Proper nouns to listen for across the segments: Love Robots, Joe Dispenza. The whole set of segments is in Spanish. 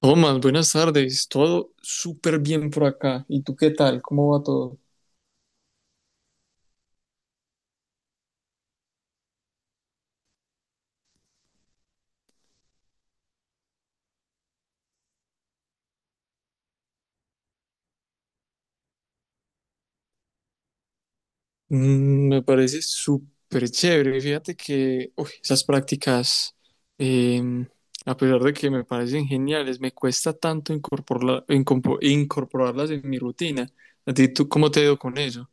Tomás, buenas tardes. Todo súper bien por acá. ¿Y tú qué tal? ¿Cómo va todo? Me parece súper chévere. Fíjate que uy, esas prácticas, eh, a pesar de que me parecen geniales, me cuesta tanto incorporarlas en mi rutina. ¿A ti tú cómo te ha ido con eso?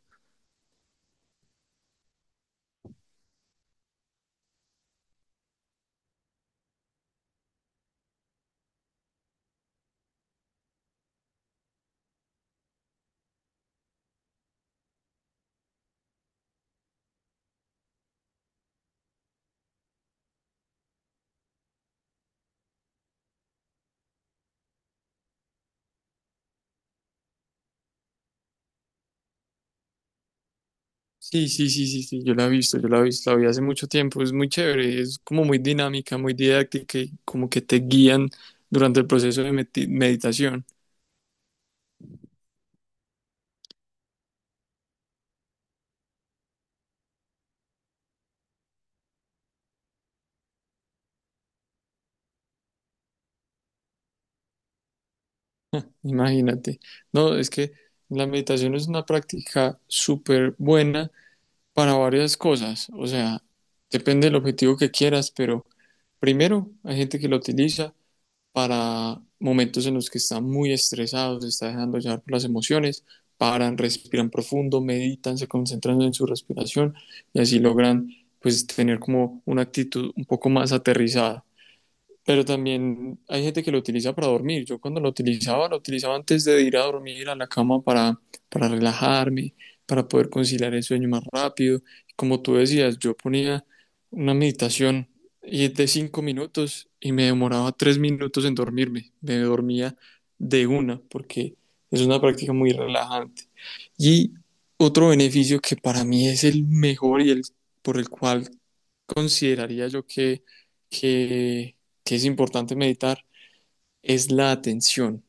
Sí, sí, sí, sí, sí. Yo la he visto, la vi hace mucho tiempo. Es muy chévere, es como muy dinámica, muy didáctica y como que te guían durante el proceso de meditación. Imagínate. No, es que la meditación es una práctica súper buena para varias cosas. O sea, depende del objetivo que quieras, pero primero hay gente que lo utiliza para momentos en los que están muy estresados, se está dejando llevar por las emociones, paran, respiran profundo, meditan, se concentran en su respiración y así logran pues tener como una actitud un poco más aterrizada. Pero también hay gente que lo utiliza para dormir. Yo cuando lo utilizaba antes de ir a dormir a la cama para relajarme, para poder conciliar el sueño más rápido. Como tú decías, yo ponía una meditación y es de 5 minutos y me demoraba 3 minutos en dormirme. Me dormía de una porque es una práctica muy relajante. Y otro beneficio que para mí es el mejor y el por el cual consideraría yo que, que es importante meditar es la atención,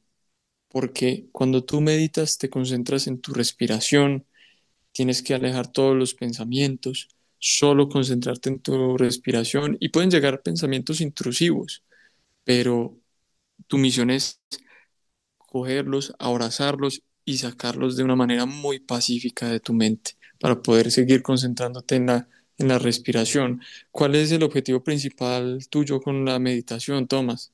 porque cuando tú meditas te concentras en tu respiración, tienes que alejar todos los pensamientos, solo concentrarte en tu respiración y pueden llegar pensamientos intrusivos, pero tu misión es cogerlos, abrazarlos y sacarlos de una manera muy pacífica de tu mente para poder seguir concentrándote en la respiración. ¿Cuál es el objetivo principal tuyo con la meditación, Tomás?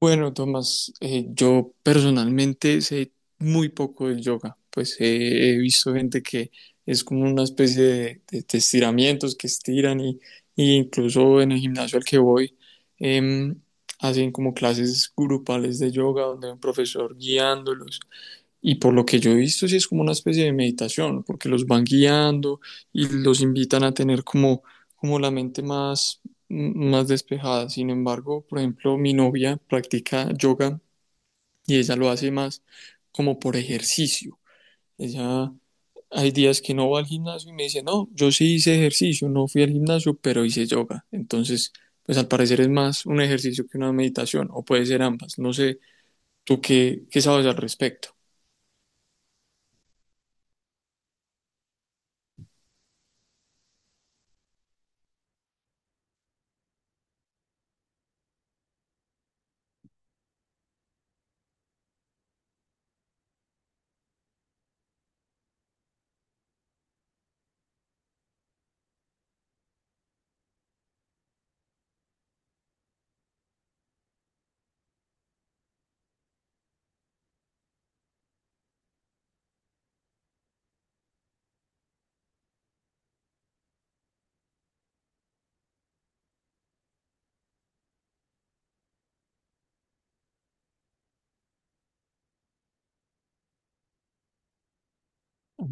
Bueno, Tomás, yo personalmente sé muy poco del yoga, pues he visto gente que es como una especie de estiramientos que estiran y incluso en el gimnasio al que voy em, hacen como clases grupales de yoga donde hay un profesor guiándolos y por lo que yo he visto, sí es como una especie de meditación, porque los van guiando y los invitan a tener como, como la mente más, más despejada. Sin embargo, por ejemplo, mi novia practica yoga y ella lo hace más como por ejercicio. Ella hay días que no va al gimnasio y me dice, no, yo sí hice ejercicio, no fui al gimnasio, pero hice yoga. Entonces, pues al parecer es más un ejercicio que una meditación, o puede ser ambas. No sé, ¿tú qué sabes al respecto?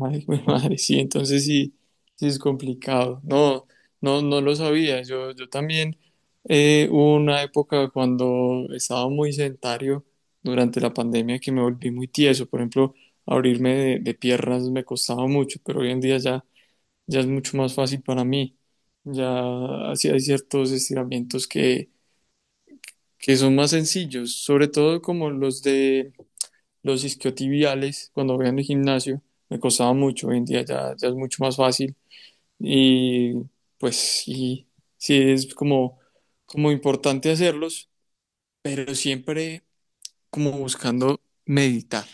Ay, güey, madre, sí, entonces sí, sí es complicado. No, no, no lo sabía. Yo también hubo una época cuando estaba muy sedentario durante la pandemia que me volví muy tieso. Por ejemplo, abrirme de piernas me costaba mucho, pero hoy en día ya, ya es mucho más fácil para mí. Ya así hay ciertos estiramientos que son más sencillos, sobre todo como los de los isquiotibiales, cuando voy en el gimnasio, me costaba mucho. Hoy en día ya, ya es mucho más fácil. Y pues sí, sí es como, como importante hacerlos, pero siempre como buscando meditar.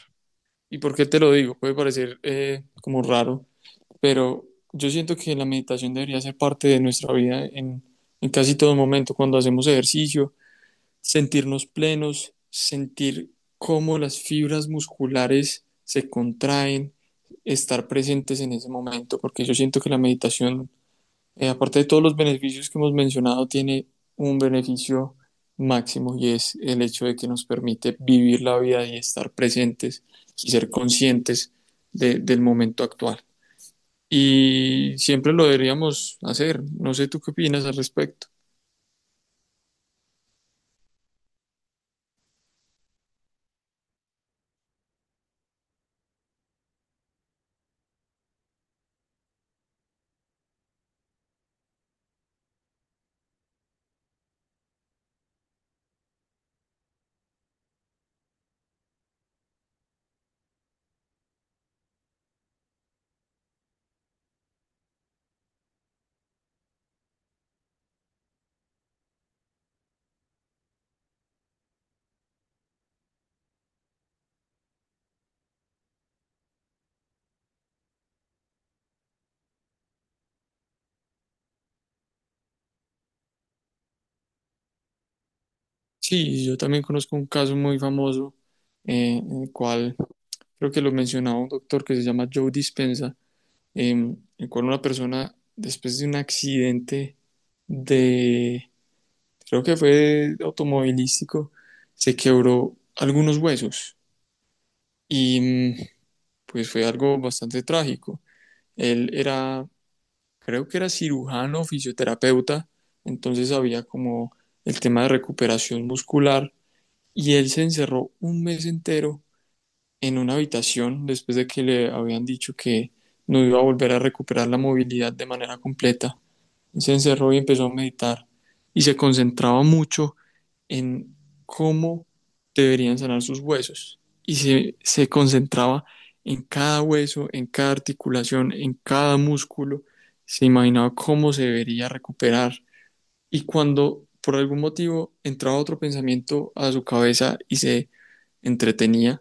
¿Y por qué te lo digo? Puede parecer como raro, pero yo siento que la meditación debería ser parte de nuestra vida en casi todo momento, cuando hacemos ejercicio, sentirnos plenos, sentir cómo las fibras musculares se contraen, estar presentes en ese momento, porque yo siento que la meditación, aparte de todos los beneficios que hemos mencionado, tiene un beneficio máximo y es el hecho de que nos permite vivir la vida y estar presentes y ser conscientes del momento actual. Y siempre lo deberíamos hacer. No sé tú qué opinas al respecto. Sí, yo también conozco un caso muy famoso, en el cual creo que lo mencionaba un doctor que se llama Joe Dispenza, en el cual una persona, después de un accidente de, creo que fue automovilístico, se quebró algunos huesos y pues fue algo bastante trágico. Él era, creo que era cirujano, fisioterapeuta, entonces había como el tema de recuperación muscular y él se encerró un mes entero en una habitación después de que le habían dicho que no iba a volver a recuperar la movilidad de manera completa. Se encerró y empezó a meditar y se concentraba mucho en cómo deberían sanar sus huesos y se concentraba en cada hueso, en cada articulación, en cada músculo. Se imaginaba cómo se debería recuperar y cuando por algún motivo entraba otro pensamiento a su cabeza y se entretenía,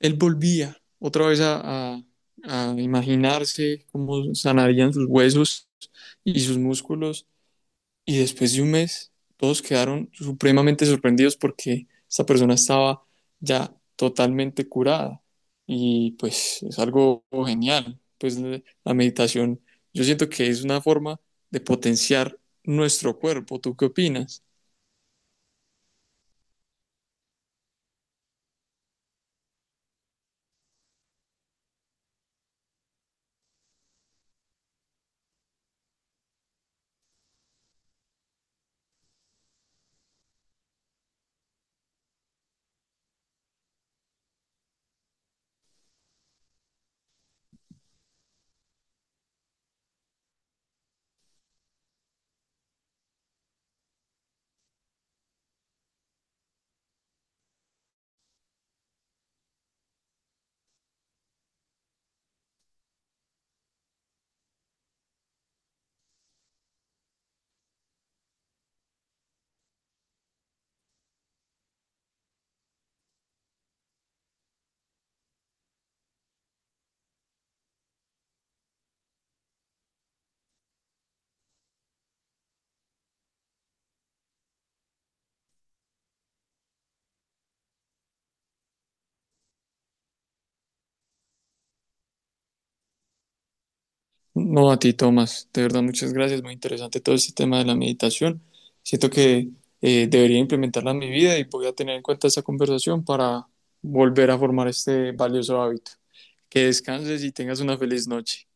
él volvía otra vez a imaginarse cómo sanarían sus huesos y sus músculos. Y después de un mes, todos quedaron supremamente sorprendidos porque esta persona estaba ya totalmente curada. Y pues es algo genial. Pues la meditación, yo siento que es una forma de potenciar nuestro cuerpo. ¿Tú qué opinas? No, a ti, Tomás. De verdad, muchas gracias. Muy interesante todo este tema de la meditación. Siento que debería implementarla en mi vida y voy a tener en cuenta esta conversación para volver a formar este valioso hábito. Que descanses y tengas una feliz noche.